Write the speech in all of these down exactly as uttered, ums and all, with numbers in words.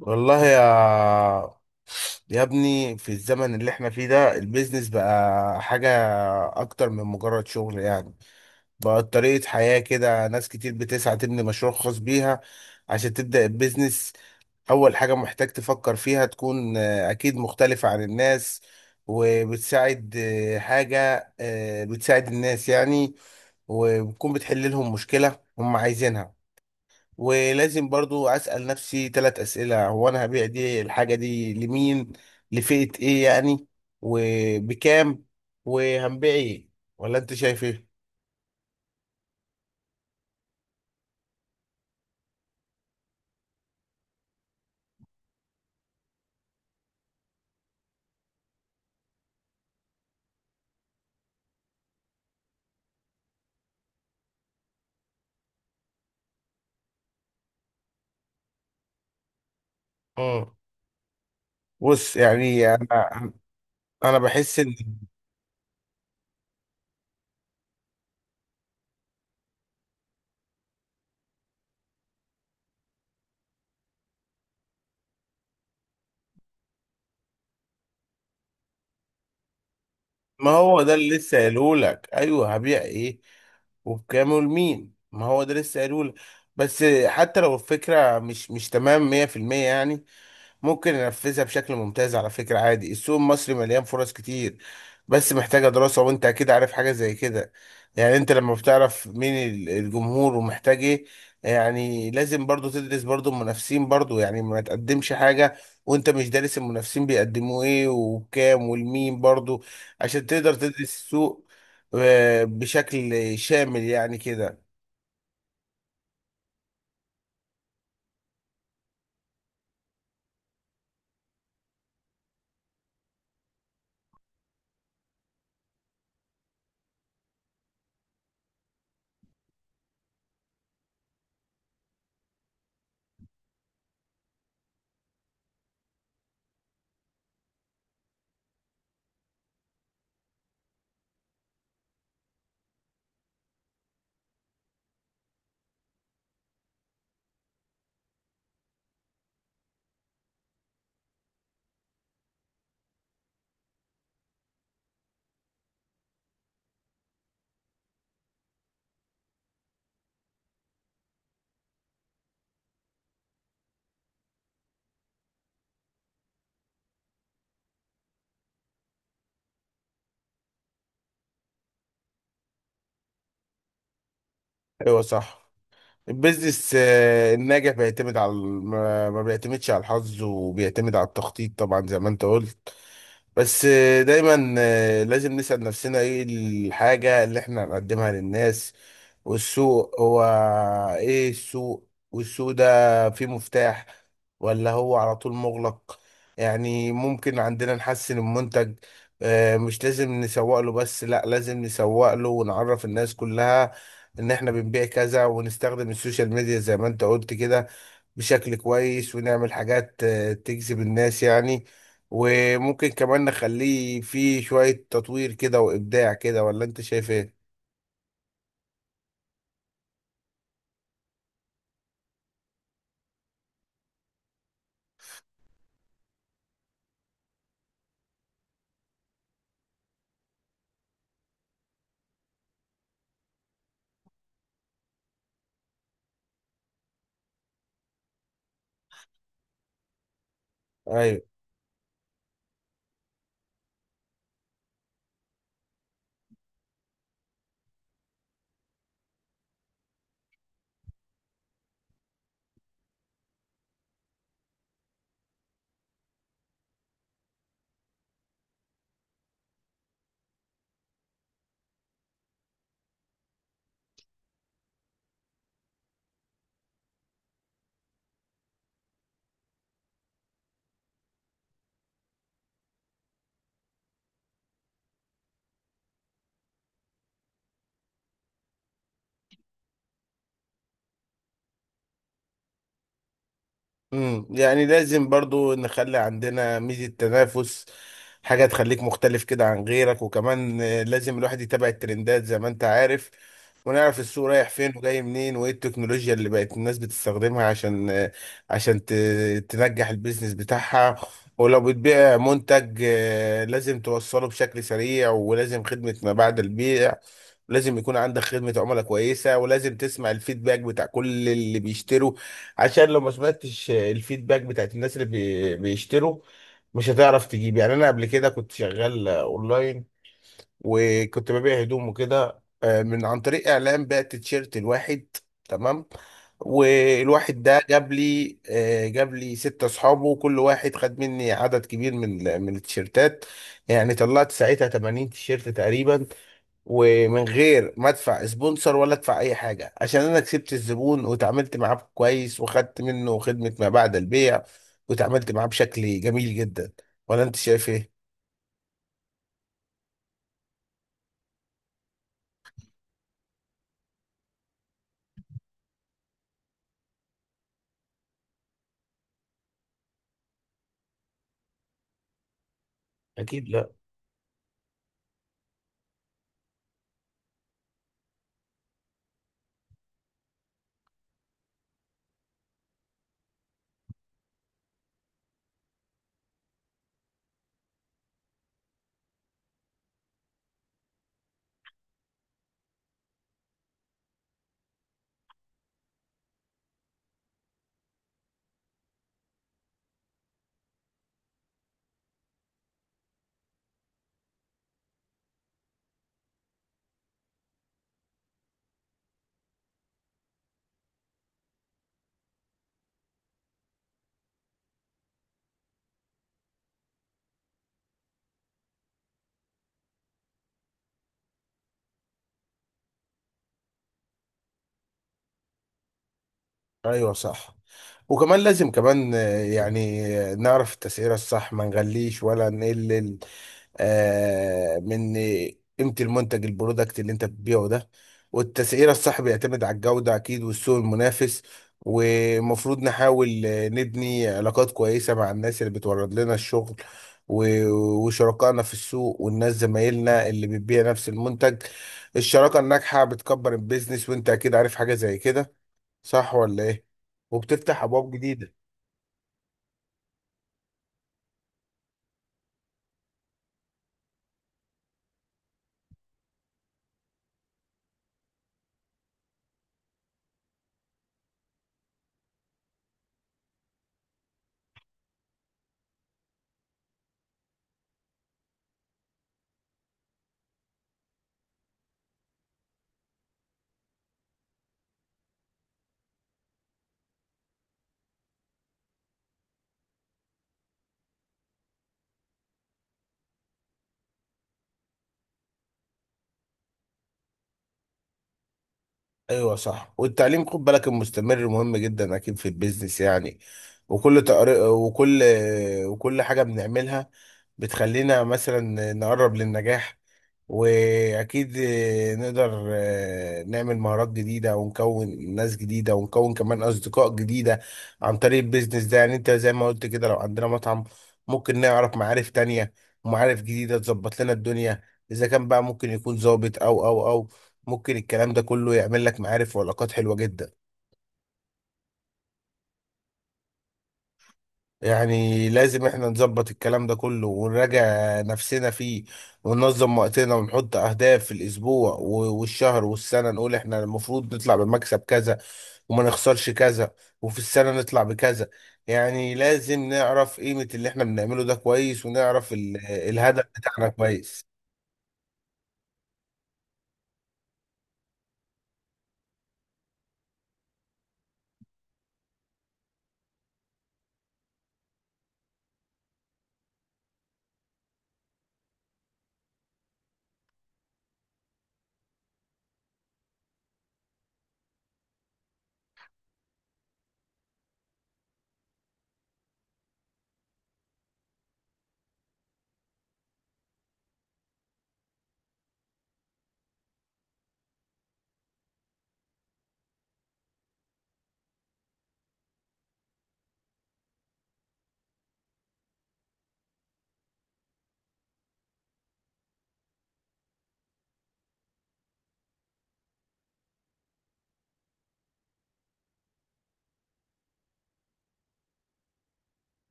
والله يا يا ابني، في الزمن اللي احنا فيه ده البيزنس بقى حاجة أكتر من مجرد شغل يعني. بقى طريقة حياة كده. ناس كتير بتسعى تبني مشروع خاص بيها. عشان تبدأ البيزنس، أول حاجة محتاج تفكر فيها تكون آه، أكيد مختلفة عن الناس وبتساعد، آه، حاجة آه، بتساعد الناس يعني، وبتكون بتحل لهم مشكلة هم عايزينها. ولازم برضو اسال نفسي ثلاث اسئله: هو انا هبيع دي الحاجه دي لمين؟ لفئه ايه يعني؟ وبكام؟ وهنبيع ايه؟ ولا انت شايف ايه؟ مم. بص يعني انا انا بحس ان ما هو ده اللي لسه قايله لك. ايوه، هبيع ايه وبكام ولمين، ما هو ده لسه قايله لك. بس حتى لو الفكره مش مش تمام مئة في المئة يعني، ممكن ننفذها بشكل ممتاز. على فكرة عادي، السوق المصري مليان فرص كتير، بس محتاجة دراسة، وانت اكيد عارف حاجة زي كده. يعني انت لما بتعرف مين ال- الجمهور ومحتاج ايه، يعني لازم برضو تدرس برضو المنافسين برضو، يعني ما تقدمش حاجة وانت مش دارس المنافسين بيقدموا ايه وبكام والمين برضو، عشان تقدر تدرس السوق آه، بشكل شامل يعني كده. ايوه صح، البيزنس آه، الناجح بيعتمد على الم- ما بيعتمدش على الحظ، وبيعتمد على التخطيط طبعا زي ما انت قلت. بس دايما آه، لازم نسأل نفسنا ايه الحاجة اللي احنا هنقدمها للناس، والسوق هو ايه؟ السوق والسوق ده فيه مفتاح ولا هو على طول مغلق؟ يعني ممكن عندنا نحسن المنتج، آه، مش لازم نسوق له بس، لا لازم نسوق له ونعرف الناس كلها ان احنا بنبيع كذا، ونستخدم السوشيال ميديا زي ما انت قلت كده بشكل كويس، ونعمل حاجات آه، تجذب الناس يعني، وممكن كمان نخليه فيه شوية تطوير كده وإبداع كده، ولا أنت شايف إيه؟ أيوه. امم، يعني لازم برضو نخلي عندنا ميزة تنافس، حاجة تخليك مختلف كده عن غيرك، وكمان آه، لازم الواحد يتابع الترندات زي ما انت عارف، ونعرف السوق رايح فين وجاي منين وايه التكنولوجيا اللي بقت الناس بتستخدمها، عشان آه، عشان ت- تنجح البيزنس بتاعها. ولو بتبيع منتج، آه، لازم توصله بشكل سريع، ولازم خدمة ما بعد البيع. لازم يكون عندك خدمة عملاء كويسة، ولازم تسمع الفيدباك بتاع كل اللي بيشتروا، عشان لو ما سمعتش الفيدباك بتاعت الناس اللي بي- بيشتروا، مش هتعرف تجيب. يعني انا قبل كده كنت شغال آه، اونلاين، وكنت ببيع هدوم وكده، آه، من عن طريق اعلان، بعت تيشيرت الواحد تمام، والواحد ده جاب لي، آه، جاب لي ستة اصحابه، وكل واحد خد مني عدد كبير من ال- من التيشيرتات. يعني طلعت ساعتها تمانين تيشيرت تقريبا، ومن غير ما ادفع سبونسر ولا ادفع اي حاجه، عشان انا كسبت الزبون وتعاملت معاه كويس، وخدت منه خدمه ما بعد البيع، وتعاملت معاه بشكل جميل جدا. ولا انت شايف ايه؟ أكيد لا. ايوه صح، وكمان لازم كمان آه، يعني آه، نعرف التسعيره الصح، ما نغليش ولا نقلل آه، من قيمة المنتج البرودكت اللي انت بتبيعه ده. والتسعيرة الصح بيعتمد على الجودة أكيد والسوق المنافس. ومفروض نحاول آه، نبني علاقات كويسة مع الناس اللي بتورد لنا الشغل و- وشركائنا في السوق، والناس زمايلنا اللي بتبيع نفس المنتج. الشراكة الناجحة بتكبر البيزنس، وانت أكيد عارف حاجة زي كده، صح ولا ايه؟ وبتفتح أبواب جديدة. ايوه صح، والتعليم، خد بالك، المستمر مهم جدا اكيد في البيزنس يعني. وكل تقري... وكل وكل حاجه بنعملها بتخلينا مثلا نقرب للنجاح. واكيد نقدر نعمل مهارات جديده، ونكون ناس جديده، ونكون كمان اصدقاء جديده عن طريق البيزنس ده. يعني انت زي ما قلت كده، لو عندنا مطعم، ممكن نعرف معارف تانية، ومعارف جديده تظبط لنا الدنيا. اذا كان بقى ممكن يكون ظابط او او او ممكن الكلام ده كله يعمل لك معارف وعلاقات حلوة جدا. يعني لازم احنا نظبط الكلام ده كله ونراجع نفسنا فيه، وننظم وقتنا، ونحط اهداف في الاسبوع و- والشهر والسنة، نقول احنا المفروض نطلع بمكسب كذا، وما نخسرش كذا، وفي السنة نطلع بكذا. يعني لازم نعرف قيمة اللي احنا بنعمله ده كويس، ونعرف ال- الهدف بتاعنا كويس.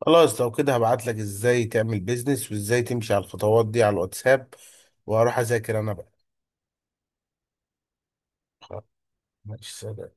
خلاص، لو كده هبعت لك ازاي تعمل بيزنس وازاي تمشي على الخطوات دي على الواتساب، وهروح اذاكر انا بقى. ماشي سلام.